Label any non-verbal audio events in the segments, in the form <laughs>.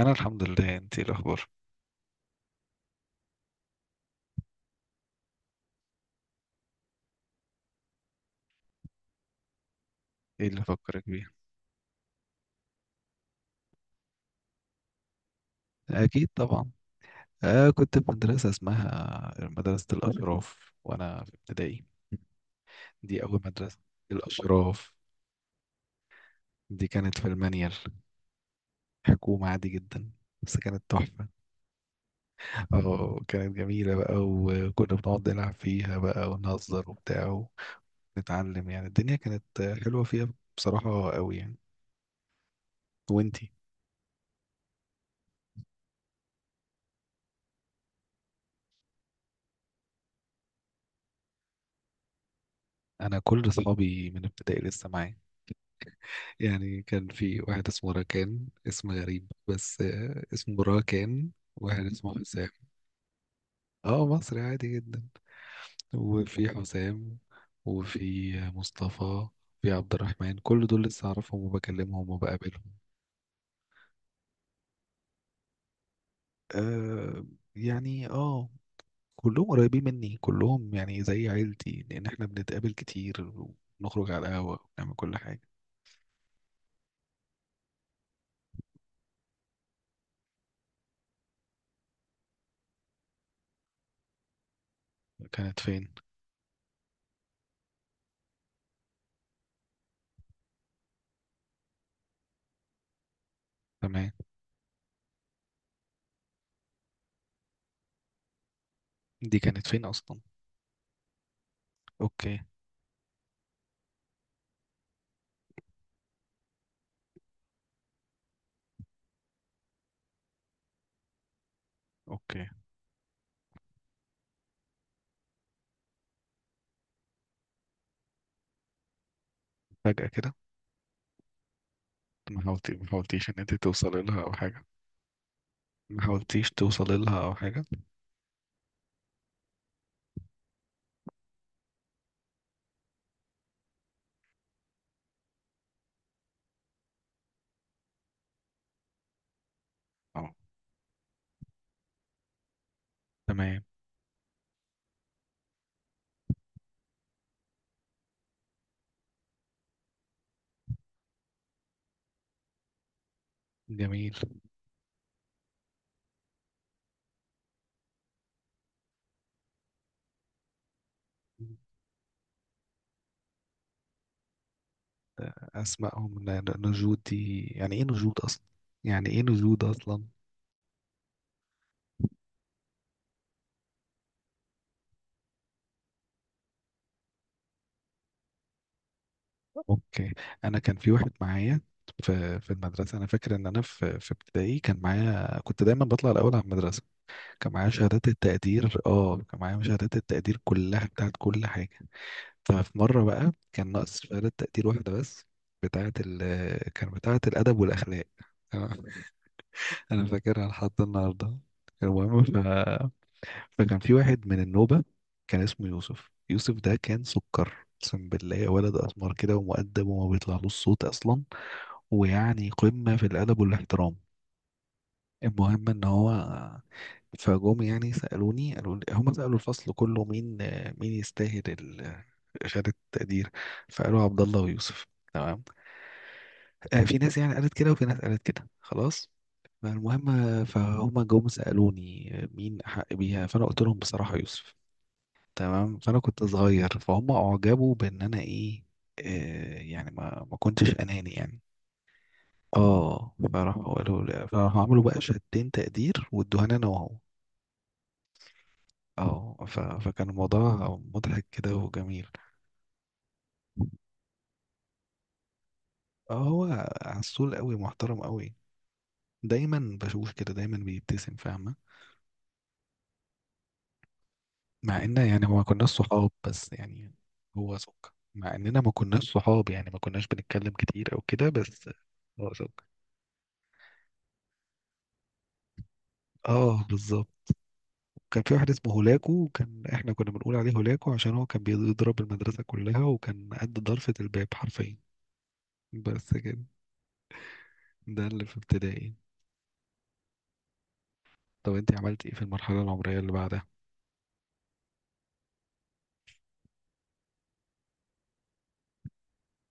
انا الحمد لله، انت إيه الاخبار؟ ايه اللي فكرك بيه؟ اكيد طبعا. آه، كنت في مدرسه اسمها مدرسه الاشراف وانا في ابتدائي. دي اول مدرسه. الاشراف. دي كانت في المنيل. حكومه عادي جدا. بس كانت تحفه. اه، كانت جميله بقى، وكنا بنقعد نلعب فيها بقى ونهزر وبتاع. ونتعلم، يعني الدنيا كانت حلوه فيها. بصراحه قوي يعني. وانتي؟ انا كل اصحابي من ابتدائي لسه معايا. يعني كان في واحد اسمه راكان، اسم غريب بس اسمه راكان، واحد اسمه حسام. اه، مصري عادي جدا. وفي حسام. وفي مصطفى. في عبد الرحمن، كل دول لسه اعرفهم وبكلمهم وبقابلهم. آه، يعني كلهم قريبين مني، كلهم يعني زي عيلتي، لان احنا بنتقابل كتير. ونخرج على القهوة ونعمل كل حاجة. كانت فين؟ تمام، دي كانت فين اصلا؟ اوكي. اوكي. فجأة كده؟ ما حاولتيش ان انت توصلي لها او حاجه؟ ما حاولتيش توصلي لها او حاجه؟ اه. تمام. جميل. اسمائهم نجود، دي يعني ايه نجود اصلا؟ يعني ايه نجود اصلا؟ اوكي. انا كان في واحد معايا في المدرسه، انا فاكر ان انا في ابتدائي كان معايا، كنت دايما بطلع الاول على المدرسه. كان معايا شهادات التقدير كلها بتاعت كل حاجه. ففي مرة بقى كان ناقص شهادة تقدير واحدة بس، بتاعة ال كان بتاعة الأدب والأخلاق. تمام؟ أنا فاكرها لحد النهاردة. المهم فكان في واحد من النوبة، كان اسمه يوسف، يوسف ده كان سكر. أقسم بالله، ولد أسمر كده ومؤدب وما بيطلعلوش صوت أصلا. ويعني قمة في الأدب والاحترام. المهم ان هو فجم يعني سألوني، قالوا لي هم سألوا الفصل كله مين، مين يستاهل شهادة التقدير؟ فقالوا عبد الله ويوسف. تمام. في ناس يعني قالت كده وفي ناس قالت كده، خلاص. فالمهم فهم جم سألوني مين أحق بيها، فأنا قلت لهم بصراحة يوسف. تمام، فأنا كنت صغير، فهم أعجبوا بإن أنا إيه. يعني ما كنتش أناني يعني. اه، فراحوا عملوا بقى شهادتين تقدير وادوها لي انا وهو. اه، فكان الموضوع مضحك كده وجميل. اه، هو عسول قوي، محترم قوي. دايما بشوف كده، دايما بيبتسم، فاهمة؟ مع ان يعني ما كناش صحاب بس يعني. هو سك مع اننا ما كناش صحاب، يعني ما كناش بنتكلم كتير او كده، بس. هو سك. اه، بالظبط. كان في واحد اسمه هولاكو، وكان احنا كنا بنقول عليه هولاكو عشان هو كان بيضرب المدرسة كلها، وكان قد ضرفة الباب حرفيا. بس كده. ده اللي في ابتدائي. طب انت عملت ايه في المرحلة العمرية اللي بعدها؟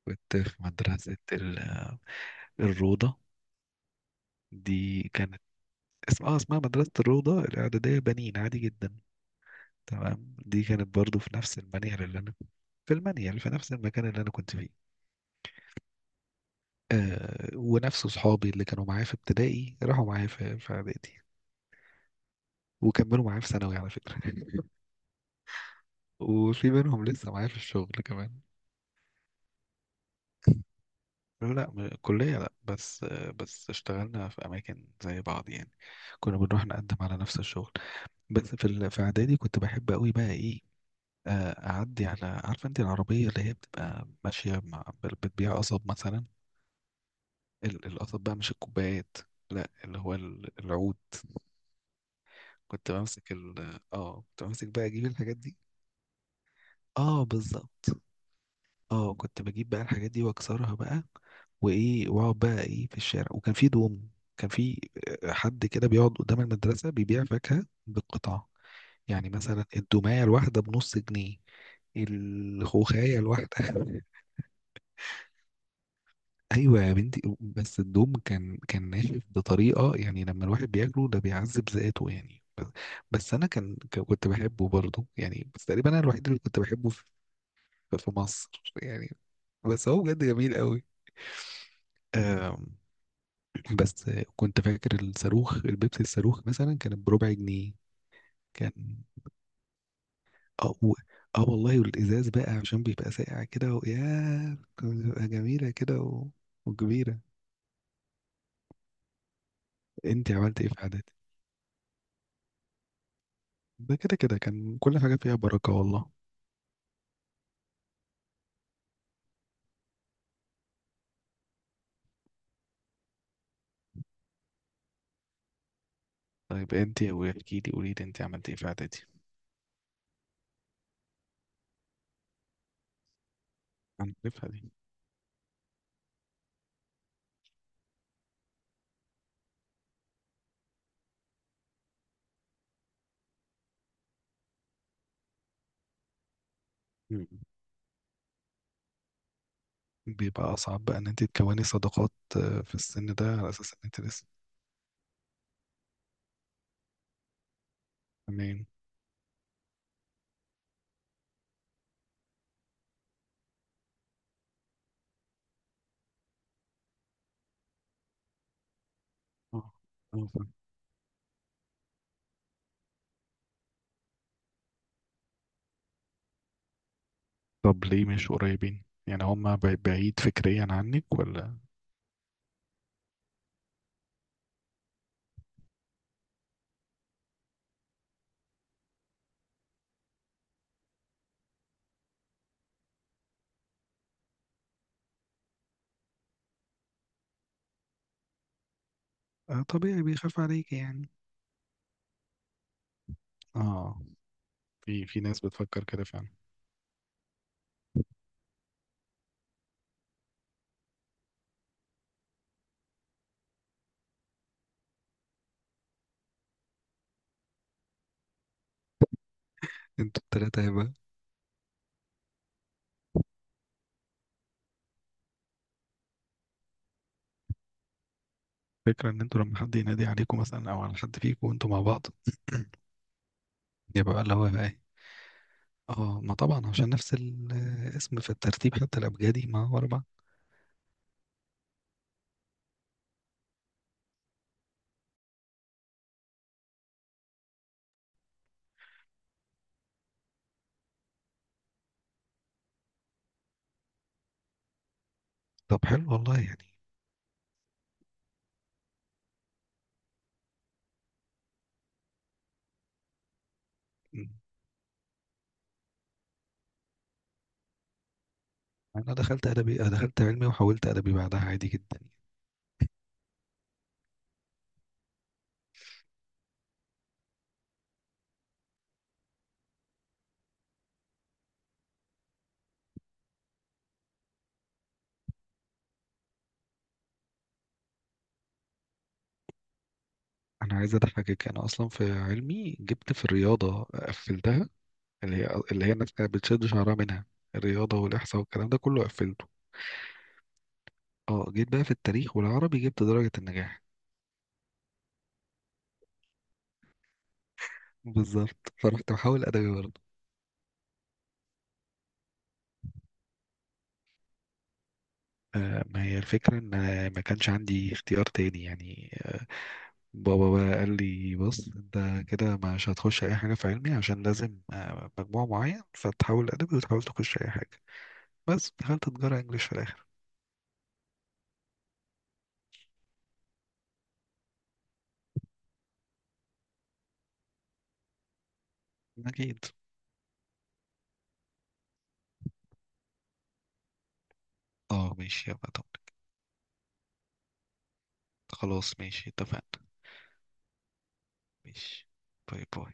كنت في مدرسة الروضة. دي كانت اسمها مدرسة الروضة الإعدادية بنين، عادي جدا. تمام، دي كانت برضو في نفس المنيل اللي أنا. في المنيل، في نفس المكان اللي أنا كنت فيه. آه، ونفس صحابي اللي كانوا معايا في ابتدائي راحوا معايا في إعدادي. وكملوا معايا في ثانوي على فكرة <laughs> وفي منهم لسه معايا في الشغل كمان. لا، لا، كلية لا، بس اشتغلنا في أماكن زي بعض يعني. كنا بنروح نقدم على نفس الشغل. بس في اعدادي كنت بحب قوي بقى ايه، اعدي على، عارفه انت العربيه اللي هي بتبقى ماشيه مع بتبيع قصب مثلا؟ القصب بقى مش الكوبايات، لا، اللي هو العود. كنت بمسك بقى اجيب الحاجات دي. اه، بالظبط. اه، كنت بجيب بقى الحاجات دي واكسرها بقى، وايه، واقعد بقى ايه في الشارع، وكان في دوم. كان في حد كده بيقعد قدام المدرسة بيبيع فاكهة بالقطع. يعني مثلا الدوماية الواحدة بنص جنيه، الخوخاية الواحدة <laughs> أيوة يا بنتي، بس الدوم كان ناشف بطريقة، يعني لما الواحد بياكله ده بيعذب ذاته يعني، بس، بس أنا كنت بحبه برضه يعني، بس تقريبا أنا الوحيد اللي كنت بحبه في، في مصر يعني. بس هو بجد جميل قوي. بس كنت فاكر الصاروخ البيبسي، الصاروخ مثلا كان بربع جنيه. كان، اه، اه والله، والازاز بقى عشان بيبقى ساقع كده، وياه كانت بتبقى جميله كده، وكبيره. انت عملت ايه في عاداتي؟ ده كده كده كان كل حاجه فيها بركه والله. طيب انت، واحكي لي، قولي لي انت عملت ايه في عاداتي؟ هنعرفها دي؟ مم. بيبقى اصعب بقى ان انت تكوني صداقات، في السن ده على اساس ان انت لسه. تمام. اه، طب ليه مش قريبين؟ يعني هما بعيد فكريا عنك ولا؟ آه، طبيعي بيخاف عليك يعني. اه، في ناس بتفكر كده فعلا. انتوا التلاتة هيبقى فكرة ان انتوا لما حد ينادي عليكم مثلا او على حد فيكم وانتوا مع بعض <clears throat> يبقى بقى اللي هو بقى ايه؟ اه، ما طبعا عشان نفس الاسم في الترتيب، حتى الابجدي ما ورا بعض. طب حلو والله يعني. م. انا دخلت ادبي أنا دخلت علمي وحولت ادبي بعدها عادي جدا يعني. انا عايز اضحكك، انا اصلا في علمي جبت في الرياضه قفلتها، اللي هي الناس كانت بتشد شعرها منها. الرياضة والإحصاء والكلام ده كله قفلته. اه، جيت بقى في التاريخ والعربي جبت درجة النجاح. بالظبط، فرحت محاول أدبي برضه. آه، ما هي الفكرة إن أنا ما كانش عندي اختيار تاني يعني. بابا بقى قال لي بص، أنت كده مش هتخش أي حاجة في علمي عشان لازم مجموع معين، فتحاول أدبي وتحاول تخش أي حاجة. بس دخلت تجارة إنجليش في الآخر. أكيد. اه، ماشي، يلا طب. خلاص، ماشي، اتفقنا. ماشي. باي باي.